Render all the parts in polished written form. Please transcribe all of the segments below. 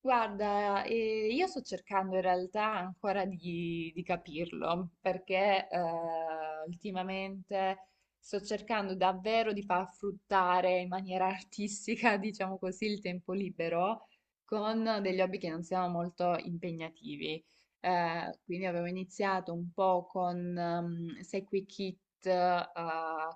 Guarda, io sto cercando in realtà ancora di capirlo, perché ultimamente sto cercando davvero di far fruttare in maniera artistica, diciamo così, il tempo libero con degli hobby che non siano molto impegnativi. Quindi avevo iniziato un po' con Sequi Kit,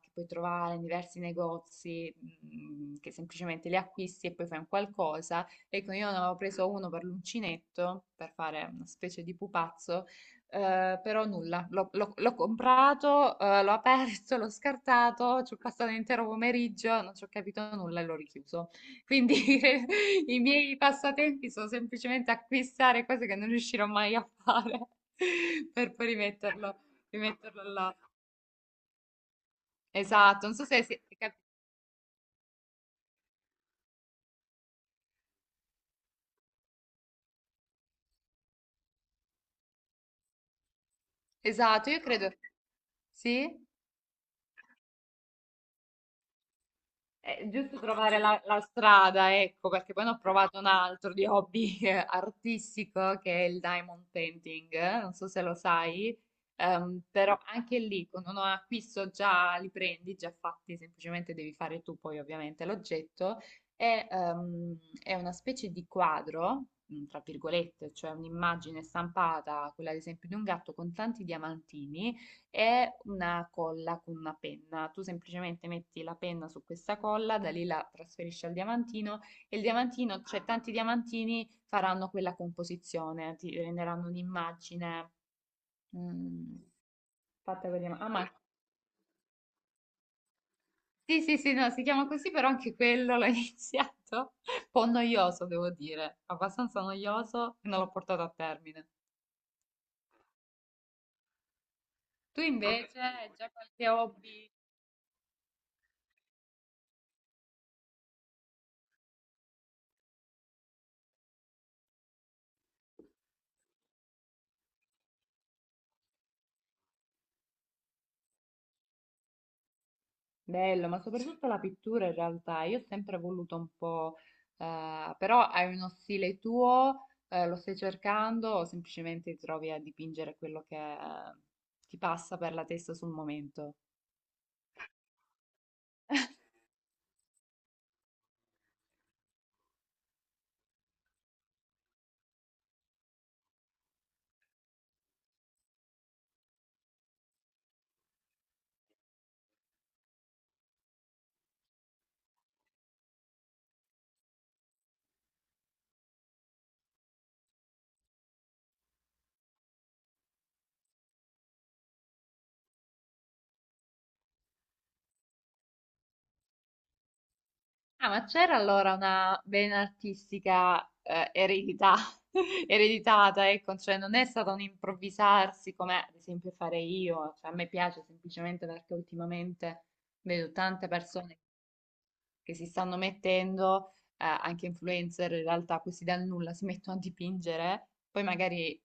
che puoi trovare in diversi negozi, mm, che semplicemente li acquisti e poi fai un qualcosa. Ecco, io ne avevo preso uno per l'uncinetto, per fare una specie di pupazzo, però nulla, l'ho comprato, l'ho aperto, l'ho scartato, ci ho passato l'intero pomeriggio, non ci ho capito nulla e l'ho richiuso. Quindi i miei passatempi sono semplicemente acquistare cose che non riuscirò mai a fare per poi rimetterlo, rimetterlo là. Esatto, non so se si... è cap- Esatto, io credo... Sì? È giusto trovare la strada, ecco, perché poi ne ho provato un altro di hobby artistico, che è il diamond painting, non so se lo sai, però anche lì con un acquisto già li prendi, già fatti, semplicemente devi fare tu poi ovviamente l'oggetto, è una specie di quadro, mm, tra virgolette, cioè un'immagine stampata, quella ad esempio di un gatto con tanti diamantini è una colla con una penna. Tu semplicemente metti la penna su questa colla, da lì la trasferisci al diamantino e il diamantino, cioè tanti diamantini faranno quella composizione, ti renderanno un'immagine mm, fatta con i diamanti. Ah, ma sì, sì, sì, no, si chiama così, però anche quello l'ho iniziato. Un po' noioso, devo dire, abbastanza noioso e non l'ho portato a termine. Tu invece hai già qualche hobby? Bello, ma soprattutto la pittura in realtà, io ho sempre voluto un po', però hai uno stile tuo, lo stai cercando o semplicemente ti trovi a dipingere quello che ti passa per la testa sul momento? Ah, ma c'era allora una vena artistica eredità, ereditata, ecco, cioè non è stato un improvvisarsi come ad esempio fare io, cioè, a me piace semplicemente perché ultimamente vedo tante persone che si stanno mettendo, anche influencer in realtà, questi dal nulla si mettono a dipingere, poi magari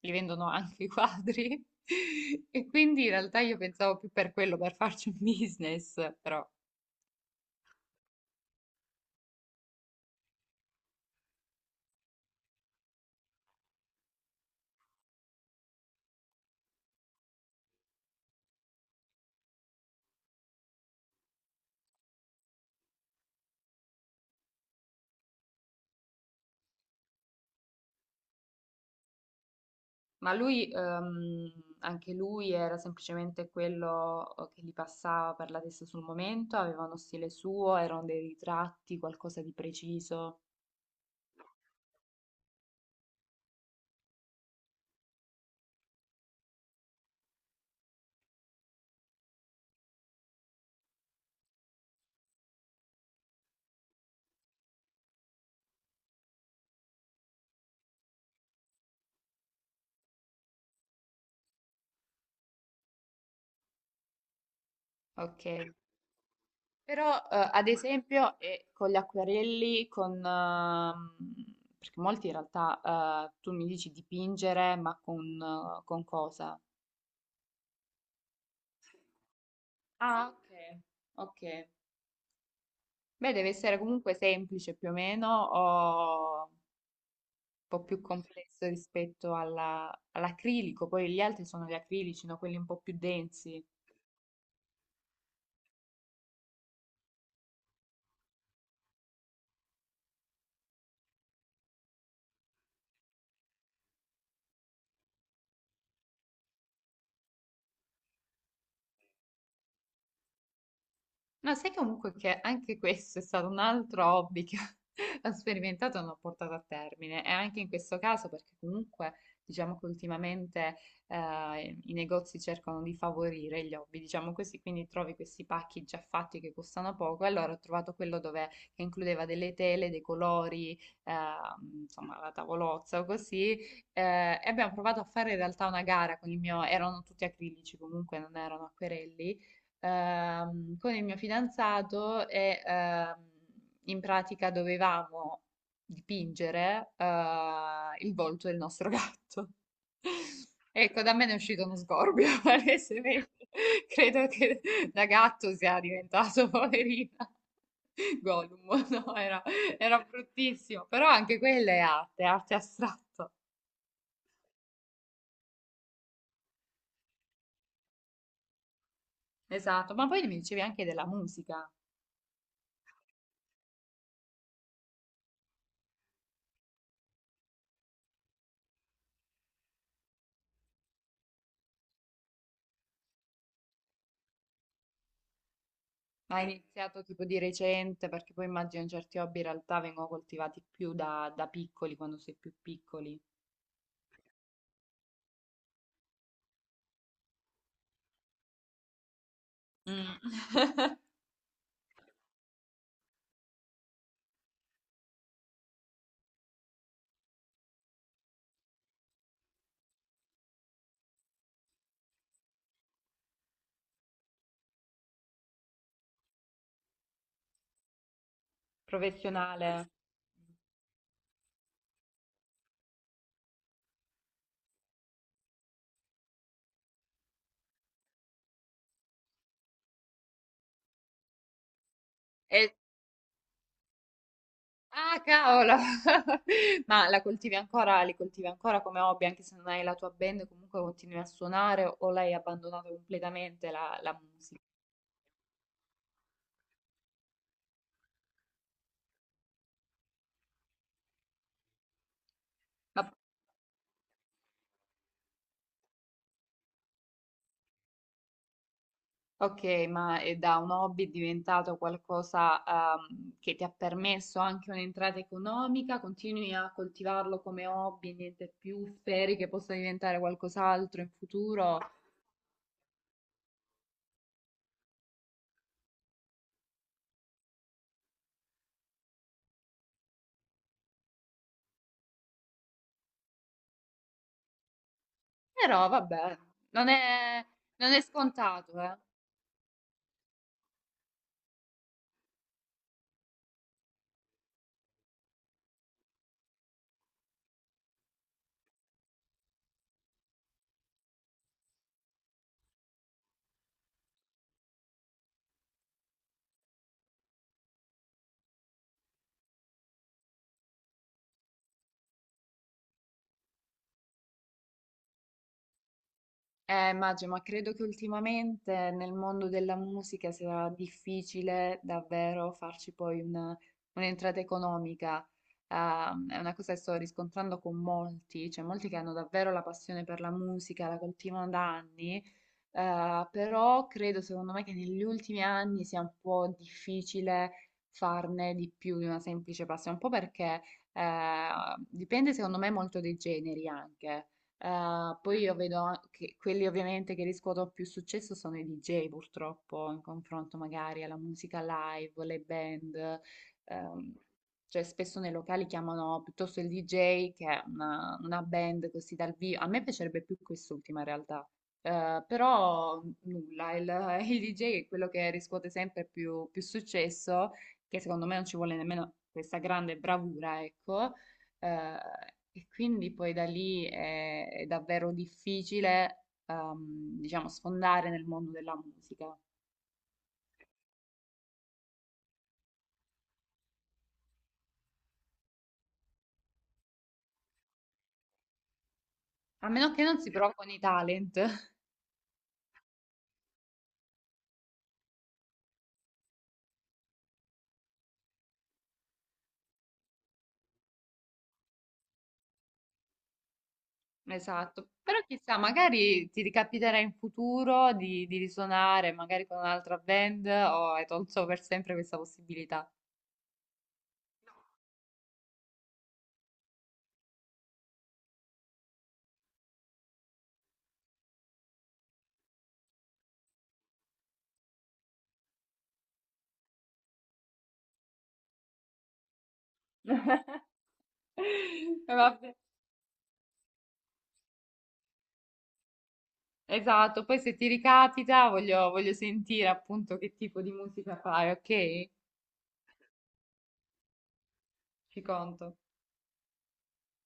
li vendono anche i quadri. E quindi in realtà io pensavo più per quello, per farci un business, però. Ma lui, anche lui era semplicemente quello che gli passava per la testa sul momento, aveva uno stile suo, erano dei ritratti, qualcosa di preciso. Ok. Però, ad esempio, con gli acquerelli, perché molti in realtà, tu mi dici dipingere, ma con cosa? Ah, ok, ok. Beh, deve essere comunque semplice più o meno, o un po' più complesso rispetto alla- all'acrilico. Poi gli altri sono gli acrilici, no? Quelli un po' più densi. No, sai comunque che anche questo è stato un altro hobby che ho sperimentato e non ho portato a termine. E anche in questo caso, perché comunque diciamo che ultimamente i negozi cercano di favorire gli hobby, diciamo così, quindi trovi questi pacchi già fatti che costano poco. E allora ho trovato quello dove, che includeva delle tele, dei colori, eh, insomma la tavolozza o così. E abbiamo provato a fare in realtà una gara con il mio, erano tutti acrilici comunque, non erano acquerelli con il mio fidanzato e in pratica dovevamo dipingere il volto del nostro gatto. Ecco, da me ne è uscito uno sgorbio, palesemente. Credo che da gatto sia diventato poverina. Gollum, no, era, era bruttissimo, però anche quella è arte, arte astratta. Esatto, ma poi mi dicevi anche della musica. Ma hai iniziato tipo di recente, perché poi immagino certi hobby in realtà vengono coltivati più da piccoli, quando sei più piccoli. Mm. Professionale. E- Ah, cavolo! Ma la coltivi ancora, li coltivi ancora come hobby, anche se non hai la tua band, comunque continui a suonare o l'hai abbandonata completamente la musica? Ok, ma è da un hobby diventato qualcosa, che ti ha permesso anche un'entrata economica? Continui a coltivarlo come hobby, niente più, speri che possa diventare qualcos'altro in futuro? Però vabbè, non è, non è scontato, eh. Immagino, ma credo che ultimamente nel mondo della musica sia difficile davvero farci poi una- un'entrata economica. È una cosa che sto riscontrando con molti, cioè molti che hanno davvero la passione per la musica, la coltivano da anni, però credo, secondo me, che negli ultimi anni sia un po' difficile farne di più di una semplice passione, un po' perché eh, dipende, secondo me, molto dai generi anche. Poi io vedo an- che quelli ovviamente che riscuotono più successo sono i DJ, purtroppo, in confronto magari alla musica live, le band. Ehm, cioè spesso nei locali chiamano piuttosto il DJ che una band così dal vivo. A me piacerebbe più quest'ultima in realtà però nulla, il, il DJ è quello che riscuote sempre più successo, che secondo me non ci vuole nemmeno questa grande bravura, ecco. Eh, e quindi poi da lì è davvero difficile, diciamo, sfondare nel mondo della musica. A meno che non si provi con i talent, esatto. Però chissà, magari ti ricapiterà in futuro di risuonare, magari con un'altra band, o hai tolto per sempre questa possibilità. Vabbè, esatto, poi se ti ricapita voglio, voglio sentire appunto che tipo di musica fai, ok? Ci conto.